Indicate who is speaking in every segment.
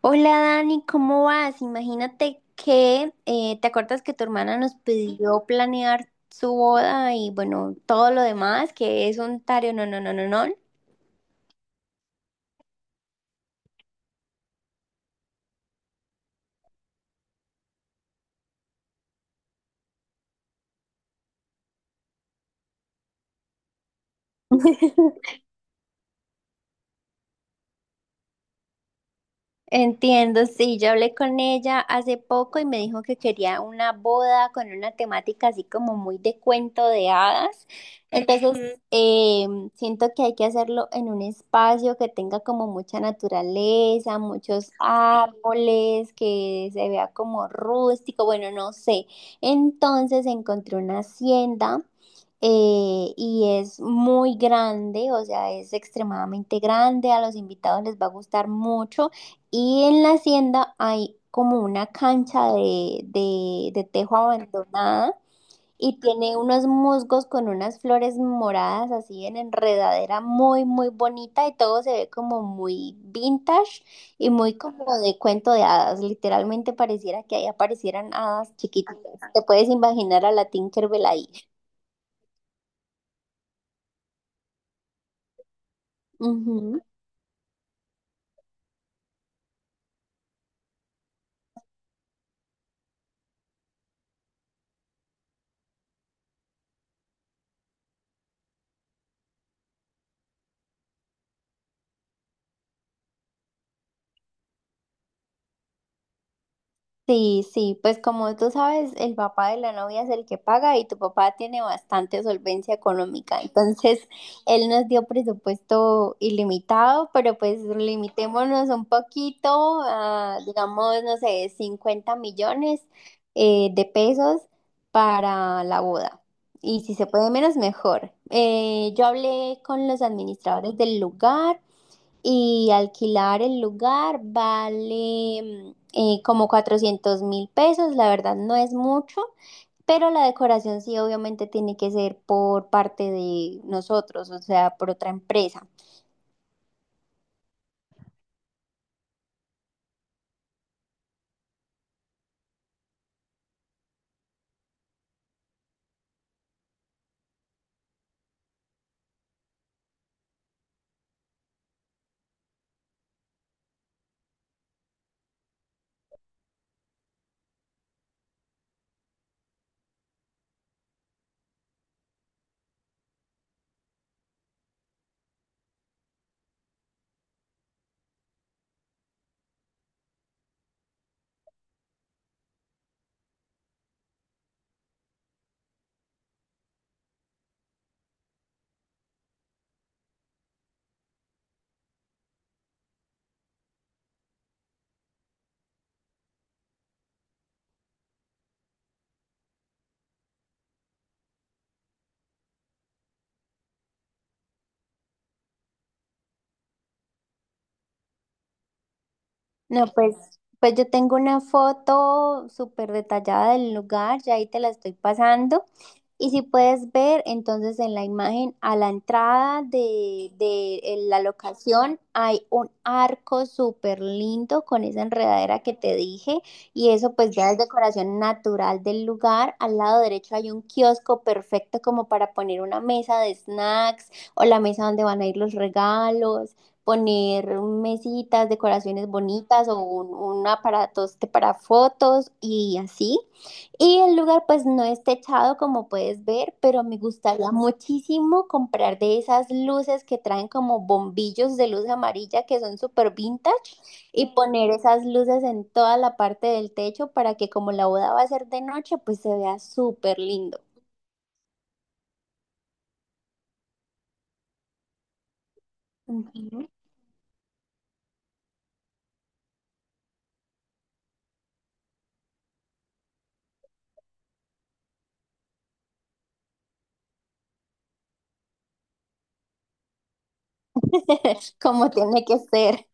Speaker 1: Hola Dani, ¿cómo vas? Imagínate que te acuerdas que tu hermana nos pidió planear su boda y bueno, todo lo demás, que es un tario, no, no, no, no, no. Entiendo, sí, yo hablé con ella hace poco y me dijo que quería una boda con una temática así como muy de cuento de hadas. Entonces, Ujú. Siento que hay que hacerlo en un espacio que tenga como mucha naturaleza, muchos árboles, que se vea como rústico, bueno, no sé. Entonces encontré una hacienda. Y es muy grande, o sea, es extremadamente grande, a los invitados les va a gustar mucho. Y en la hacienda hay como una cancha de tejo abandonada y tiene unos musgos con unas flores moradas así en enredadera muy bonita y todo se ve como muy vintage y muy como de cuento de hadas. Literalmente pareciera que ahí aparecieran hadas chiquititas. Te puedes imaginar a la Tinkerbell ahí. Ujú. Sí, sí, pues como tú sabes, el papá de la novia es el que paga y tu papá tiene bastante solvencia económica. Entonces, él nos dio presupuesto ilimitado, pero pues limitémonos un poquito a, digamos, no sé, 50 millones de pesos para la boda. Y si se puede menos, mejor. Yo hablé con los administradores del lugar. Y alquilar el lugar vale como 400 mil pesos, la verdad no es mucho, pero la decoración sí obviamente tiene que ser por parte de nosotros, o sea, por otra empresa. No, pues, pues yo tengo una foto súper detallada del lugar, ya ahí te la estoy pasando. Y si puedes ver, entonces en la imagen a la entrada de en la locación hay un arco súper lindo con esa enredadera que te dije y eso pues ya es decoración natural del lugar. Al lado derecho hay un kiosco perfecto como para poner una mesa de snacks o la mesa donde van a ir los regalos poner mesitas, decoraciones bonitas o un aparato este para fotos y así. Y el lugar pues no es techado como puedes ver, pero me gustaría muchísimo comprar de esas luces que traen como bombillos de luz amarilla que son súper vintage y poner esas luces en toda la parte del techo para que como la boda va a ser de noche pues se vea súper lindo. Ujú. Como tiene que ser.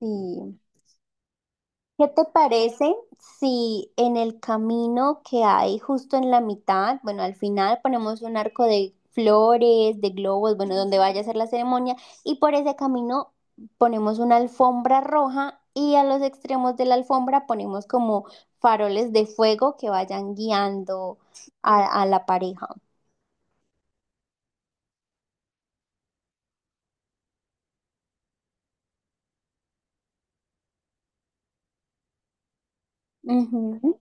Speaker 1: Sí. ¿Qué te parece si en el camino que hay justo en la mitad, bueno, al final ponemos un arco de flores, de globos, bueno, donde vaya a ser la ceremonia, y por ese camino ponemos una alfombra roja y a los extremos de la alfombra ponemos como faroles de fuego que vayan guiando a la pareja? Ujú,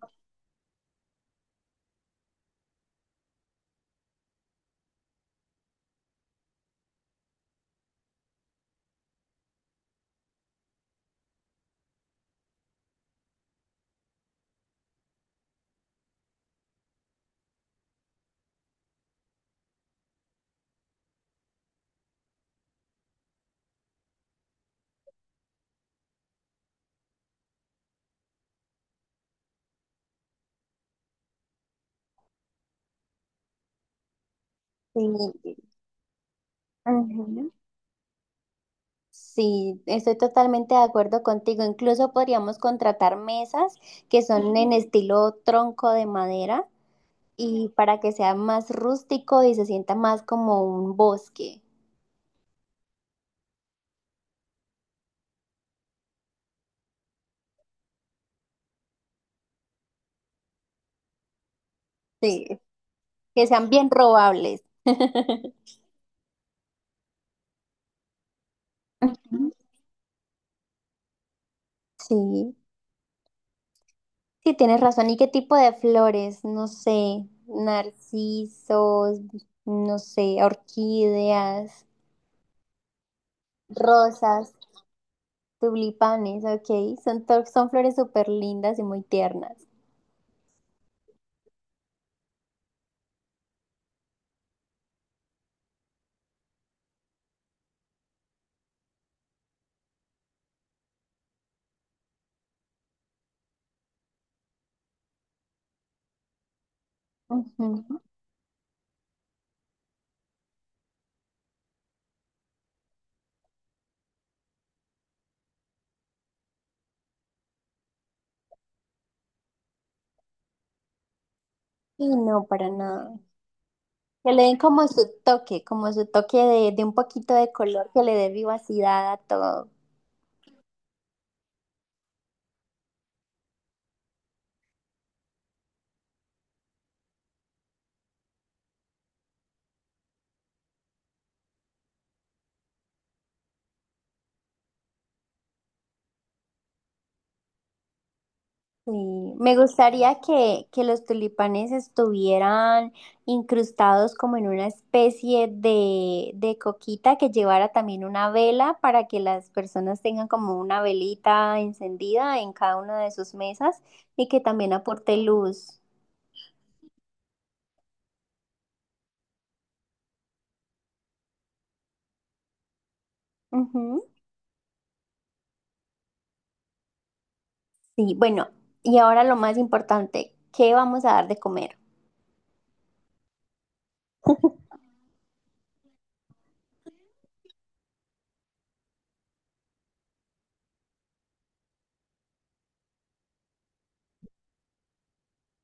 Speaker 1: sí, ujú. Sí, estoy totalmente de acuerdo contigo. Incluso podríamos contratar mesas que son en estilo tronco de madera y para que sea más rústico y se sienta más como un bosque. Sí, que sean bien robables. Ujú. Sí, sí, tienes razón. ¿Y qué tipo de flores? No sé, narcisos, no sé, orquídeas, rosas, tulipanes, ok. Son, son flores súper lindas y muy tiernas. Ujú. Y no, para nada. Que le den como su toque de un poquito de color, que le dé vivacidad a todo. Sí. Me gustaría que los tulipanes estuvieran incrustados como en una especie de coquita que llevara también una vela para que las personas tengan como una velita encendida en cada una de sus mesas y que también aporte luz. Ujú. Sí, bueno, y ahora lo más importante, ¿qué vamos a dar de comer?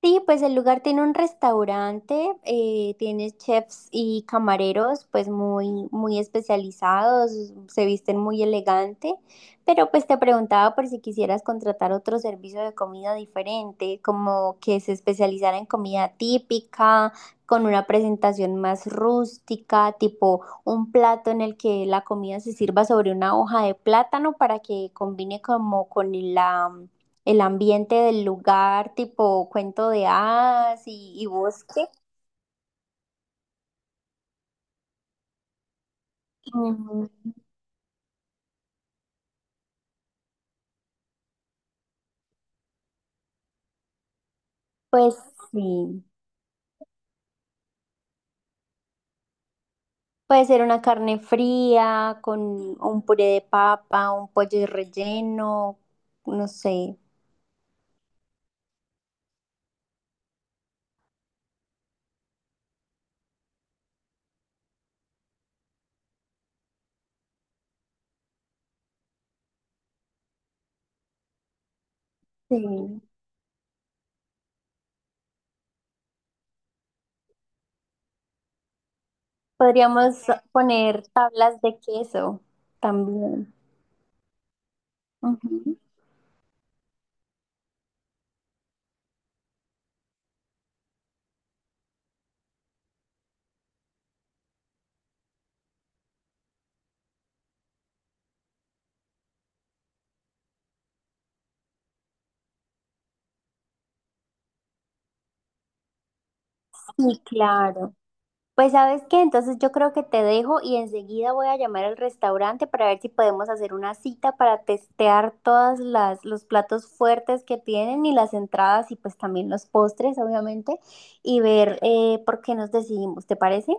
Speaker 1: Sí, pues el lugar tiene un restaurante, tiene chefs y camareros pues muy especializados, se visten muy elegante, pero pues te preguntaba por si quisieras contratar otro servicio de comida diferente, como que se especializara en comida típica, con una presentación más rústica, tipo un plato en el que la comida se sirva sobre una hoja de plátano para que combine como con la el ambiente del lugar, tipo cuento de hadas y bosque. Mm. Pues sí, puede ser una carne fría con un puré de papa, un pollo relleno, no sé. Sí. Podríamos poner tablas de queso también. Ujú. Sí, claro. Pues sabes qué, entonces yo creo que te dejo y enseguida voy a llamar al restaurante para ver si podemos hacer una cita para testear todas las los platos fuertes que tienen y las entradas y pues también los postres, obviamente, y ver por qué nos decidimos, ¿te parece?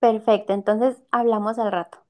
Speaker 1: Perfecto, entonces hablamos al rato.